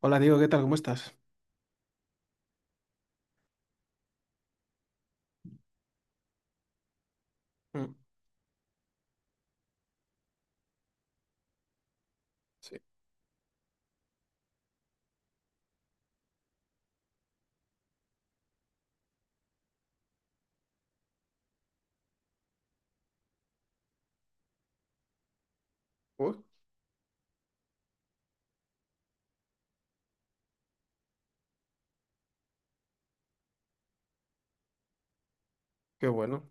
Hola Diego, ¿qué tal? ¿Cómo estás? Mm, Sí. Uy, qué bueno.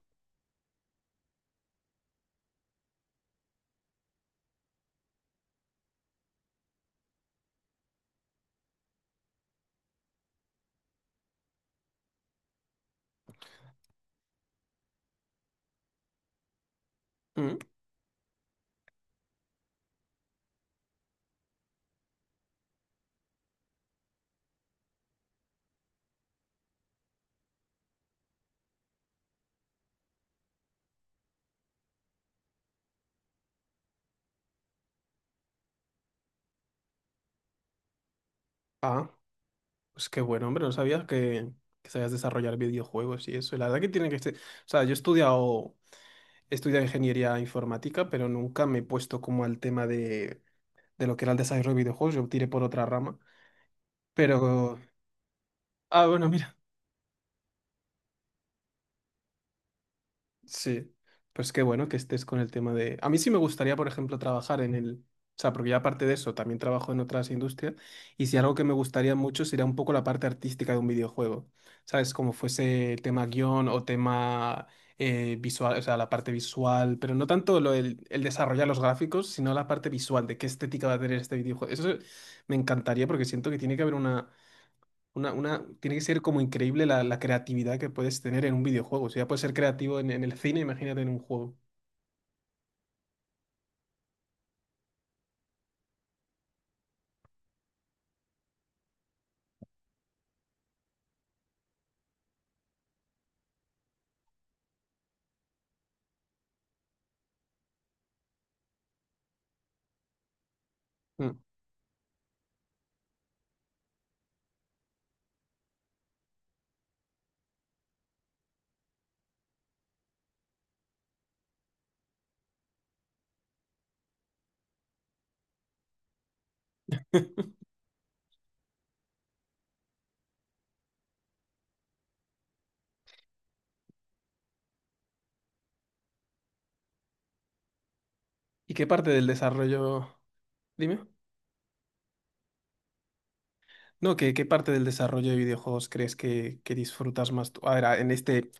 Mm. Ah, pues qué bueno, hombre, no sabía que sabías desarrollar videojuegos y eso. Y la verdad que tiene que ser... O sea, he estudiado ingeniería informática, pero nunca me he puesto como al tema de lo que era el desarrollo de videojuegos. Yo tiré por otra rama. Pero... Ah, bueno, mira. Sí, pues qué bueno que estés con el tema de... A mí sí me gustaría, por ejemplo, trabajar en el... O sea, porque ya aparte de eso, también trabajo en otras industrias y si algo que me gustaría mucho sería un poco la parte artística de un videojuego, ¿sabes? Como fuese tema guión o tema visual, o sea, la parte visual, pero no tanto el desarrollar los gráficos, sino la parte visual de qué estética va a tener este videojuego. Eso me encantaría porque siento que tiene que haber una tiene que ser como increíble la creatividad que puedes tener en un videojuego. O sea, ya puedes ser creativo en el cine, imagínate en un juego. Mm. ¿Y qué parte del desarrollo? Dime. No, ¿qué, qué parte del desarrollo de videojuegos crees que disfrutas más tú? A ver, en este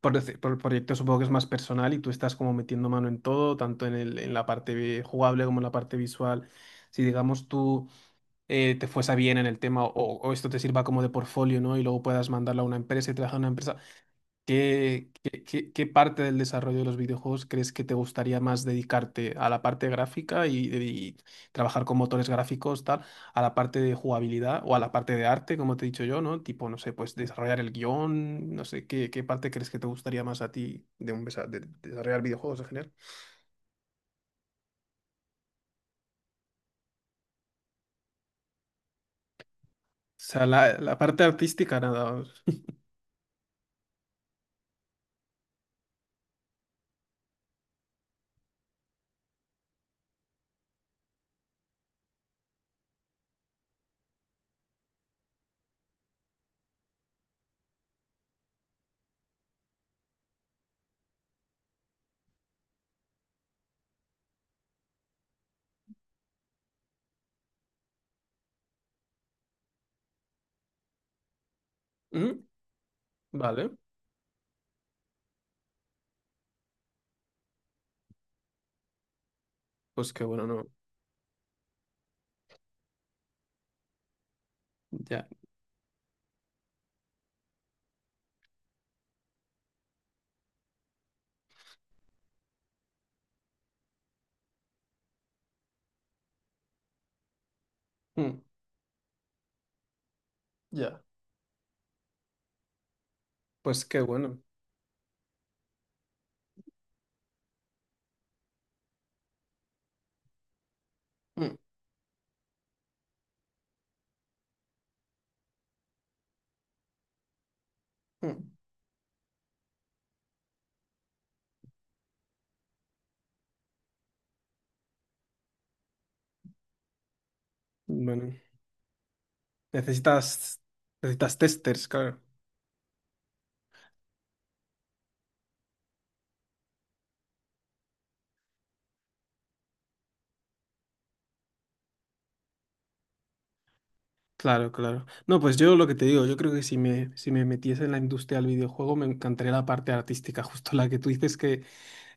por el proyecto supongo que es más personal y tú estás como metiendo mano en todo, tanto en el, en la parte jugable como en la parte visual. Si digamos tú te fuese bien en el tema o esto te sirva como de portfolio, ¿no? Y luego puedas mandarlo a una empresa y trabajar en una empresa. ¿Qué, qué, qué parte del desarrollo de los videojuegos crees que te gustaría más dedicarte a la parte gráfica y trabajar con motores gráficos, tal, a la parte de jugabilidad o a la parte de arte, como te he dicho yo, ¿no? Tipo, no sé, pues desarrollar el guión, no sé, ¿qué, qué parte crees que te gustaría más a ti de, de desarrollar videojuegos en general? O sea, la parte artística, nada. Os- ¿Mm? Vale, pues qué bueno, no. Ya. Mm, ya. Pues qué bueno. Mm, mm. Bueno. Necesitas, necesitas testers, claro. Claro, claro. No, pues yo lo que te digo, yo creo que si me, si me metiese en la industria del videojuego me encantaría la parte artística, justo la que tú dices que,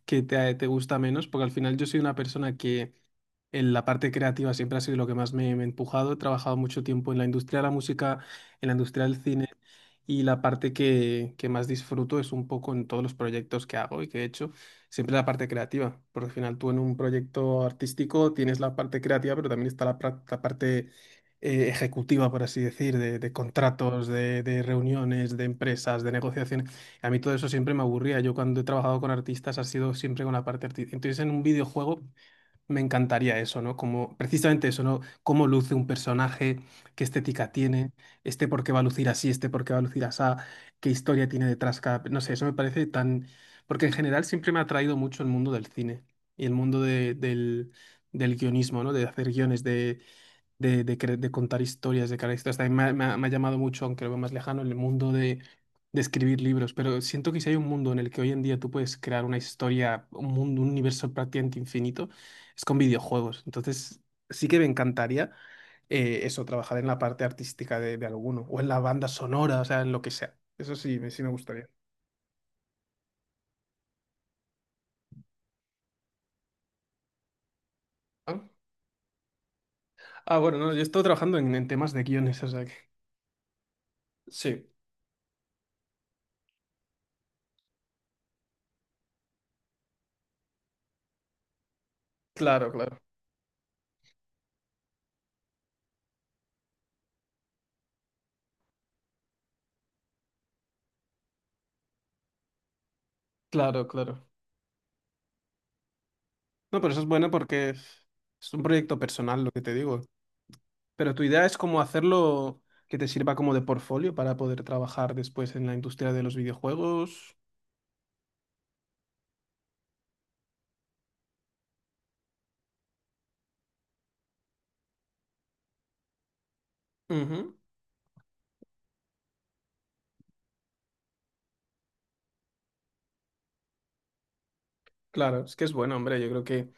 te gusta menos, porque al final yo soy una persona que en la parte creativa siempre ha sido lo que más me, me ha empujado. He trabajado mucho tiempo en la industria de la música, en la industria del cine, y la parte que más disfruto es un poco en todos los proyectos que hago y que he hecho, siempre la parte creativa, porque al final tú en un proyecto artístico tienes la parte creativa, pero también está la parte... ejecutiva, por así decir, de contratos, de reuniones, de empresas, de negociaciones. A mí todo eso siempre me aburría. Yo cuando he trabajado con artistas ha sido siempre con la parte artística. Entonces en un videojuego me encantaría eso, ¿no? Como precisamente eso, ¿no? Cómo luce un personaje, qué estética tiene, este por qué va a lucir así, este por qué va a lucir así, qué historia tiene detrás cada... No sé, eso me parece tan... Porque en general siempre me ha atraído mucho el mundo del cine y el mundo del, del guionismo, ¿no? De hacer guiones, de de contar historias, de crear historias. También me ha, me ha llamado mucho, aunque lo veo más lejano, el mundo de escribir libros. Pero siento que si hay un mundo en el que hoy en día tú puedes crear una historia, un mundo, un universo prácticamente infinito, es con videojuegos. Entonces, sí que me encantaría eso, trabajar en la parte artística de alguno, o en la banda sonora, o sea, en lo que sea. Eso sí, sí me gustaría. Ah, ah, bueno, no, yo he estado trabajando en temas de guiones, o sea que... Sí, claro, claro, claro, claro. No, pero eso es bueno porque es un proyecto personal, lo que te digo. Pero tu idea es como hacerlo que te sirva como de portfolio para poder trabajar después en la industria de los videojuegos. Ujú. Claro, es que es bueno, hombre. Yo creo que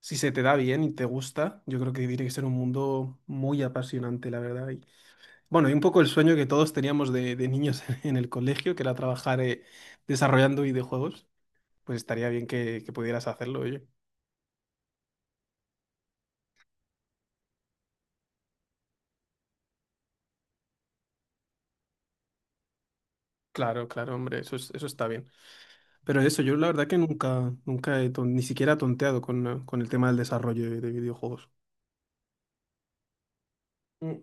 si se te da bien y te gusta, yo creo que tiene que ser un mundo muy apasionante, la verdad. Y, bueno, y un poco el sueño que todos teníamos de niños en el colegio, que era trabajar desarrollando videojuegos, pues estaría bien que pudieras hacerlo, oye. Claro, claro, hombre, eso está bien. Pero eso, yo la verdad que nunca, nunca ni siquiera he tonteado con el tema del desarrollo de videojuegos. Mm,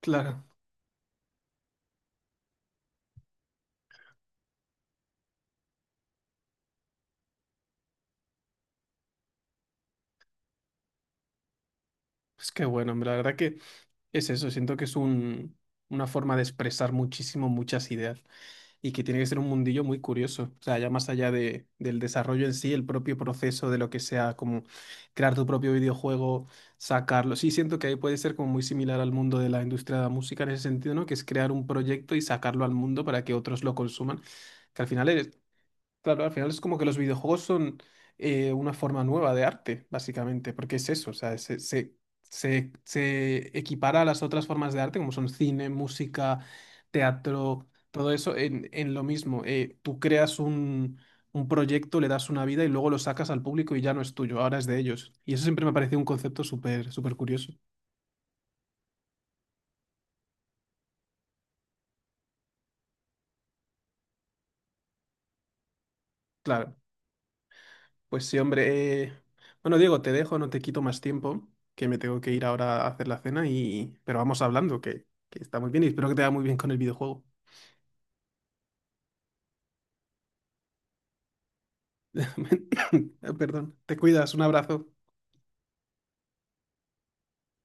claro, es que bueno, hombre, la verdad que es eso, siento que es un, una forma de expresar muchísimo muchas ideas y que tiene que ser un mundillo muy curioso, o sea, ya más allá de, del desarrollo en sí, el propio proceso de lo que sea, como crear tu propio videojuego, sacarlo, sí siento que ahí puede ser como muy similar al mundo de la industria de la música en ese sentido, ¿no? Que es crear un proyecto y sacarlo al mundo para que otros lo consuman, que al final es... Claro, al final es como que los videojuegos son una forma nueva de arte, básicamente, porque es eso, o sea, se equipara a las otras formas de arte, como son cine, música, teatro, todo eso, en lo mismo. Tú creas un proyecto, le das una vida y luego lo sacas al público y ya no es tuyo, ahora es de ellos. Y eso siempre me ha parecido un concepto súper, súper curioso. Claro. Pues sí, hombre. Bueno, Diego, te dejo, no te quito más tiempo, que me tengo que ir ahora a hacer la cena y... Pero vamos hablando, que está muy bien y espero que te vaya muy bien con el videojuego. Perdón, te cuidas, un abrazo.